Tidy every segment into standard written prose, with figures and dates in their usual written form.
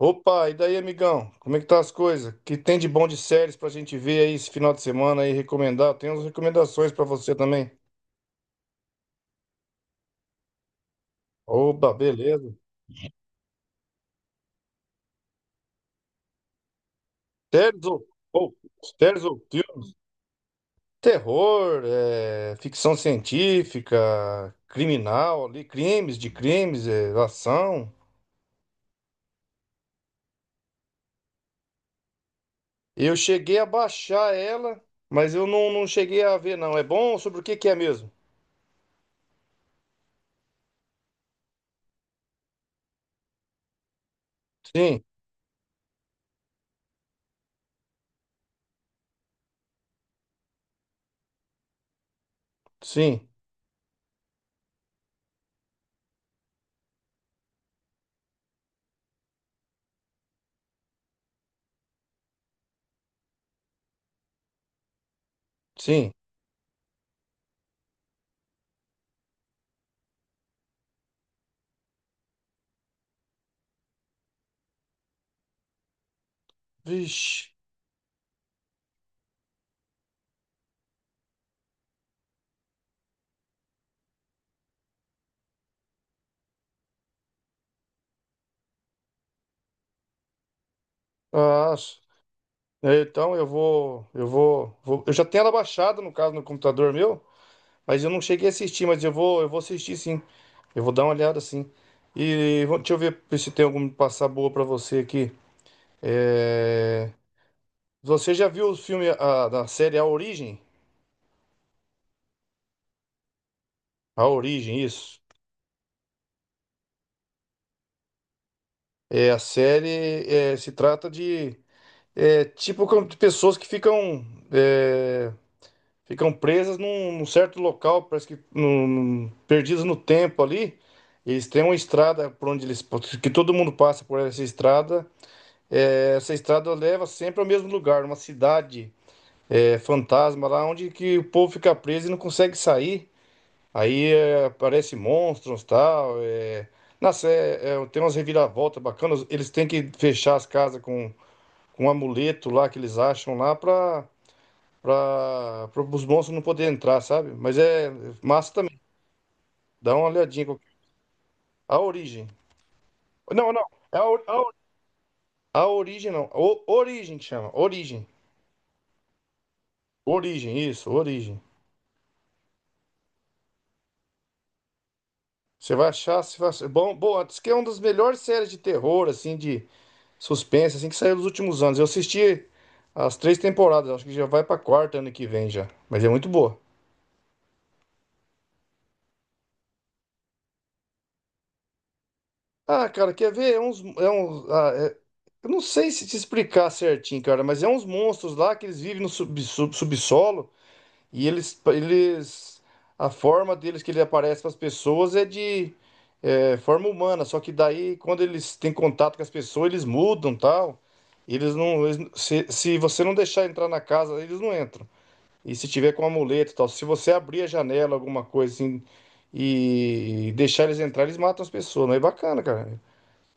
Opa, e daí, amigão? Como é que tá as coisas? O que tem de bom de séries pra gente ver aí esse final de semana aí, recomendar? Tem umas recomendações pra você também. Opa, beleza. Séries ou, ou, Séries ou filme? Terror, é, ficção científica, criminal ali, crimes de crimes, é, ação. Eu cheguei a baixar ela, mas eu não cheguei a ver, não. É bom? Sobre o que que é mesmo? Sim, sim, sim. Vixe. Ah, é. Então eu já tenho ela baixada, no caso, no computador meu, mas eu não cheguei a assistir, mas eu vou assistir, sim. Eu vou dar uma olhada, sim. E deixa eu ver se tem alguma passar boa pra você aqui. É, você já viu da série A Origem? A Origem, isso. Se trata de tipo como de pessoas que ficam, é, ficam presas num, num certo local, parece que perdidas no tempo ali. Eles têm uma estrada por onde que todo mundo passa por essa estrada. É, essa estrada leva sempre ao mesmo lugar, uma cidade, fantasma lá, onde que o povo fica preso e não consegue sair. Aí, aparece monstros, tal. Nossa, é, tem umas reviravoltas bacanas. Eles têm que fechar as casas com um amuleto lá que eles acham lá, para para os monstros não poderem entrar, sabe? Mas é massa também. Dá uma olhadinha. A origem. Não, não. É a, ori- a, ori- a origem, não. O, origem que chama. Origem. Origem, isso. Origem. Você vai achar, bom, bom, diz que é uma das melhores séries de terror, assim, de suspense, assim, que saiu nos últimos anos. Eu assisti as três temporadas. Acho que já vai pra quarta ano que vem já. Mas é muito boa. Ah, cara, quer ver? Eu não sei se te explicar certinho, cara, mas é uns monstros lá que eles vivem no subsolo e eles, a forma deles que ele aparece para as pessoas é de forma humana, só que daí quando eles têm contato com as pessoas eles mudam, tal, eles não- se você não deixar entrar na casa eles não entram. E se tiver com amuleto e tal, se você abrir a janela, alguma coisa assim, e deixar eles entrar, eles matam as pessoas, não é bacana, cara.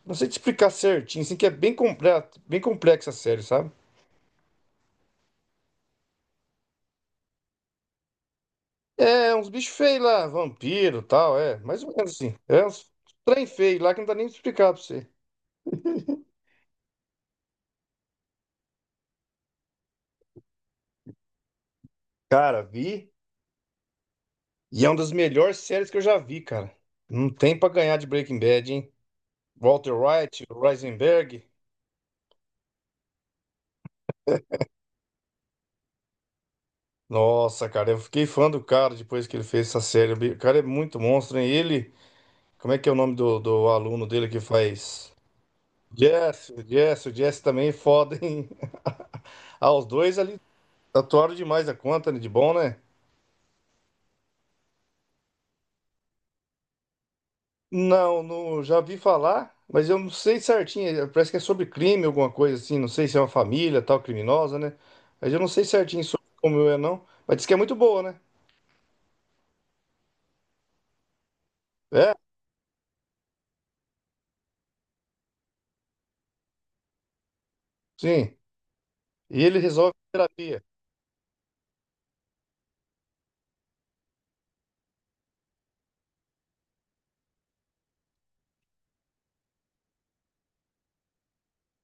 Não sei te explicar certinho, assim, que é bem completo, bem complexa a série, sabe? É, uns bichos feios lá, vampiro e tal, é, mais ou menos assim. É uns trem feio lá que não dá nem pra explicar pra você. Cara, vi, e é uma das melhores séries que eu já vi, cara. Não tem pra ganhar de Breaking Bad, hein? Walter White, Heisenberg. Nossa, cara, eu fiquei fã do cara depois que ele fez essa série. O cara é muito monstro, hein? Ele, como é que é o nome do aluno dele que faz. Jess, o Jess, o Jess também é foda, hein? Ah, os dois ali atuaram demais a conta, né? De bom, né? Não, não, já vi falar, mas eu não sei certinho. Parece que é sobre crime, alguma coisa assim. Não sei se é uma família, tal, criminosa, né? Mas eu não sei certinho sobre como é, não. Mas diz que é muito boa, né? É, sim. E ele resolve a terapia.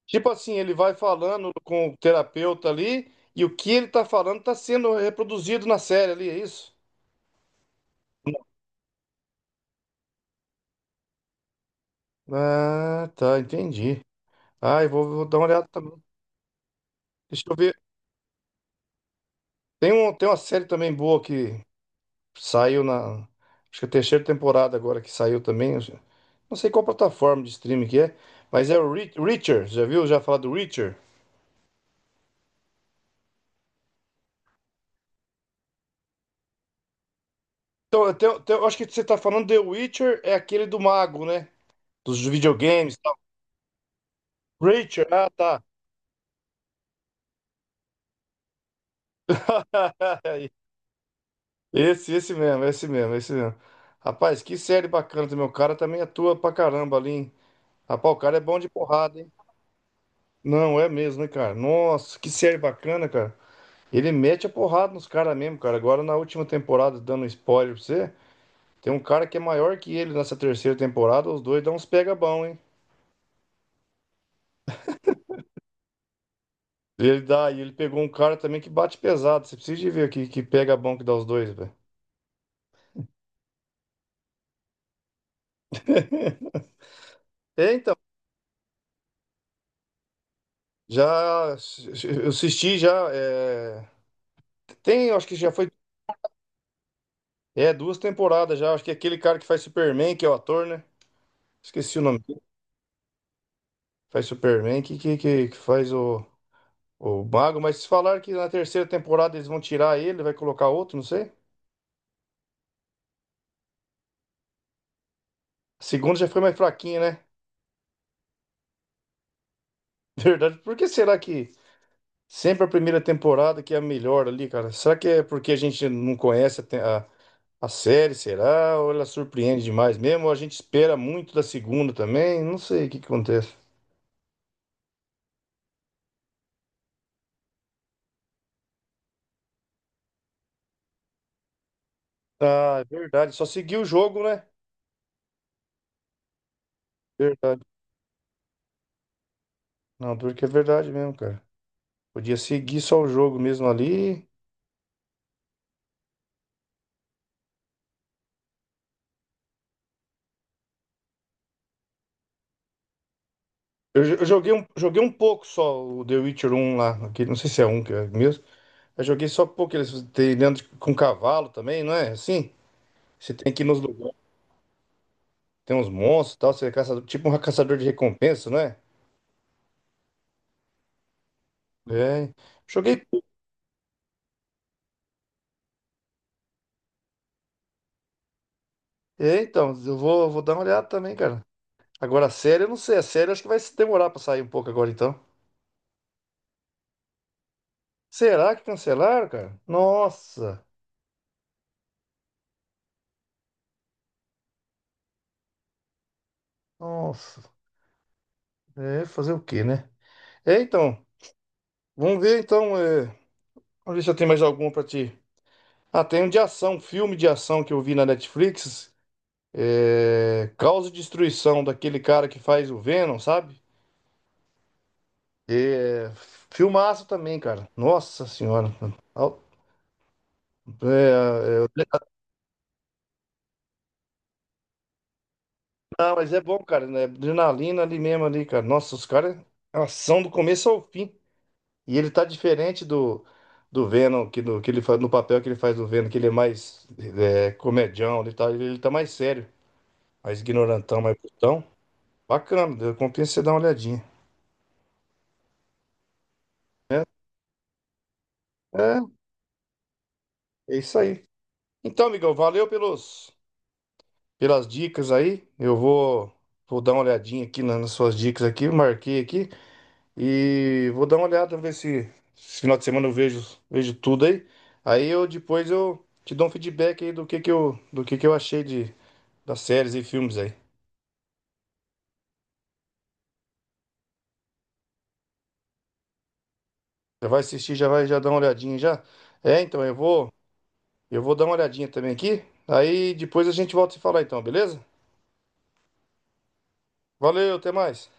Tipo assim, ele vai falando com o terapeuta ali, e o que ele tá falando tá sendo reproduzido na série ali, é isso? Ah, tá, entendi. Ah, vou dar uma olhada também. Deixa eu ver. Tem uma série também boa que saiu na. Acho que é a terceira temporada agora que saiu também. Não sei qual plataforma de streaming que é, mas é o Reacher. Já viu? Já falar do Reacher? Então, eu acho que você tá falando The Witcher, é aquele do mago, né? Dos videogames e tal. Reacher, ah, tá. Esse mesmo. Rapaz, que série bacana também. O cara também atua pra caramba ali, hein? Rapaz, o cara é bom de porrada, hein? Não, é mesmo, né, cara? Nossa, que série bacana, cara. Ele mete a porrada nos caras mesmo, cara. Agora na última temporada, dando um spoiler pra você, tem um cara que é maior que ele nessa terceira temporada, os dois dão uns pega bom, hein? Ele dá, e ele pegou um cara também que bate pesado. Você precisa de ver aqui que pega bom que dá os dois, velho. É, então, já eu assisti já. Tem, eu acho que já foi. É, duas temporadas já. Acho que é aquele cara que faz Superman, que é o ator, né? Esqueci o nome dele. Faz Superman, que, que faz o. O Bago, mas se falar que na terceira temporada eles vão tirar ele, vai colocar outro, não sei. A segunda já foi mais fraquinha, né? Verdade. Por que será que sempre a primeira temporada que é a melhor ali, cara? Será que é porque a gente não conhece a série, será? Ou ela surpreende demais mesmo? Ou a gente espera muito da segunda também? Não sei o que que acontece. Ah, é verdade. Só seguir o jogo, né? Verdade. Não, duro que é verdade mesmo, cara. Podia seguir só o jogo mesmo ali. Eu joguei um pouco só, o The Witcher um lá, não sei se é um que é mesmo. Eu joguei só um pouco, eles tem com cavalo também, não é? Assim, você tem que ir nos lugares, tem uns monstros e tal, você é caçador, tipo um caçador de recompensa, não é? É, joguei. É, então, vou dar uma olhada também, cara. Agora a série, eu não sei, a série eu acho que vai se demorar pra sair um pouco agora então. Será que cancelaram, cara? Nossa, nossa. É, fazer o quê, né? É, então, vamos ver então, é, vamos ver se eu tenho mais alguma pra ti. Ah, tem um de ação, um filme de ação que eu vi na Netflix. É... Causa e Destruição, daquele cara que faz o Venom, sabe? É... Filmaço também, cara. Nossa senhora. Al- É, é... Não, mas é bom, cara. Né? Adrenalina ali mesmo, ali, cara. Nossa, os caras. É, ação do começo ao fim. E ele tá diferente do Venom, que ele faz, no papel que ele faz do Venom, que ele é mais comedião, ele tá mais sério, mais ignorantão, mais putão. Bacana, compensa você dar uma olhadinha. É, é isso aí. Então, amigão, pelas dicas aí. Vou dar uma olhadinha aqui nas suas dicas aqui, marquei aqui e vou dar uma olhada, ver se esse final de semana eu vejo, vejo tudo aí. Aí eu depois eu te dou um feedback aí do que do que eu achei das séries e filmes aí. Já vai assistir, já vai já dar uma olhadinha já. É, então eu vou dar uma olhadinha também aqui. Aí depois a gente volta a se falar então, beleza? Valeu, até mais.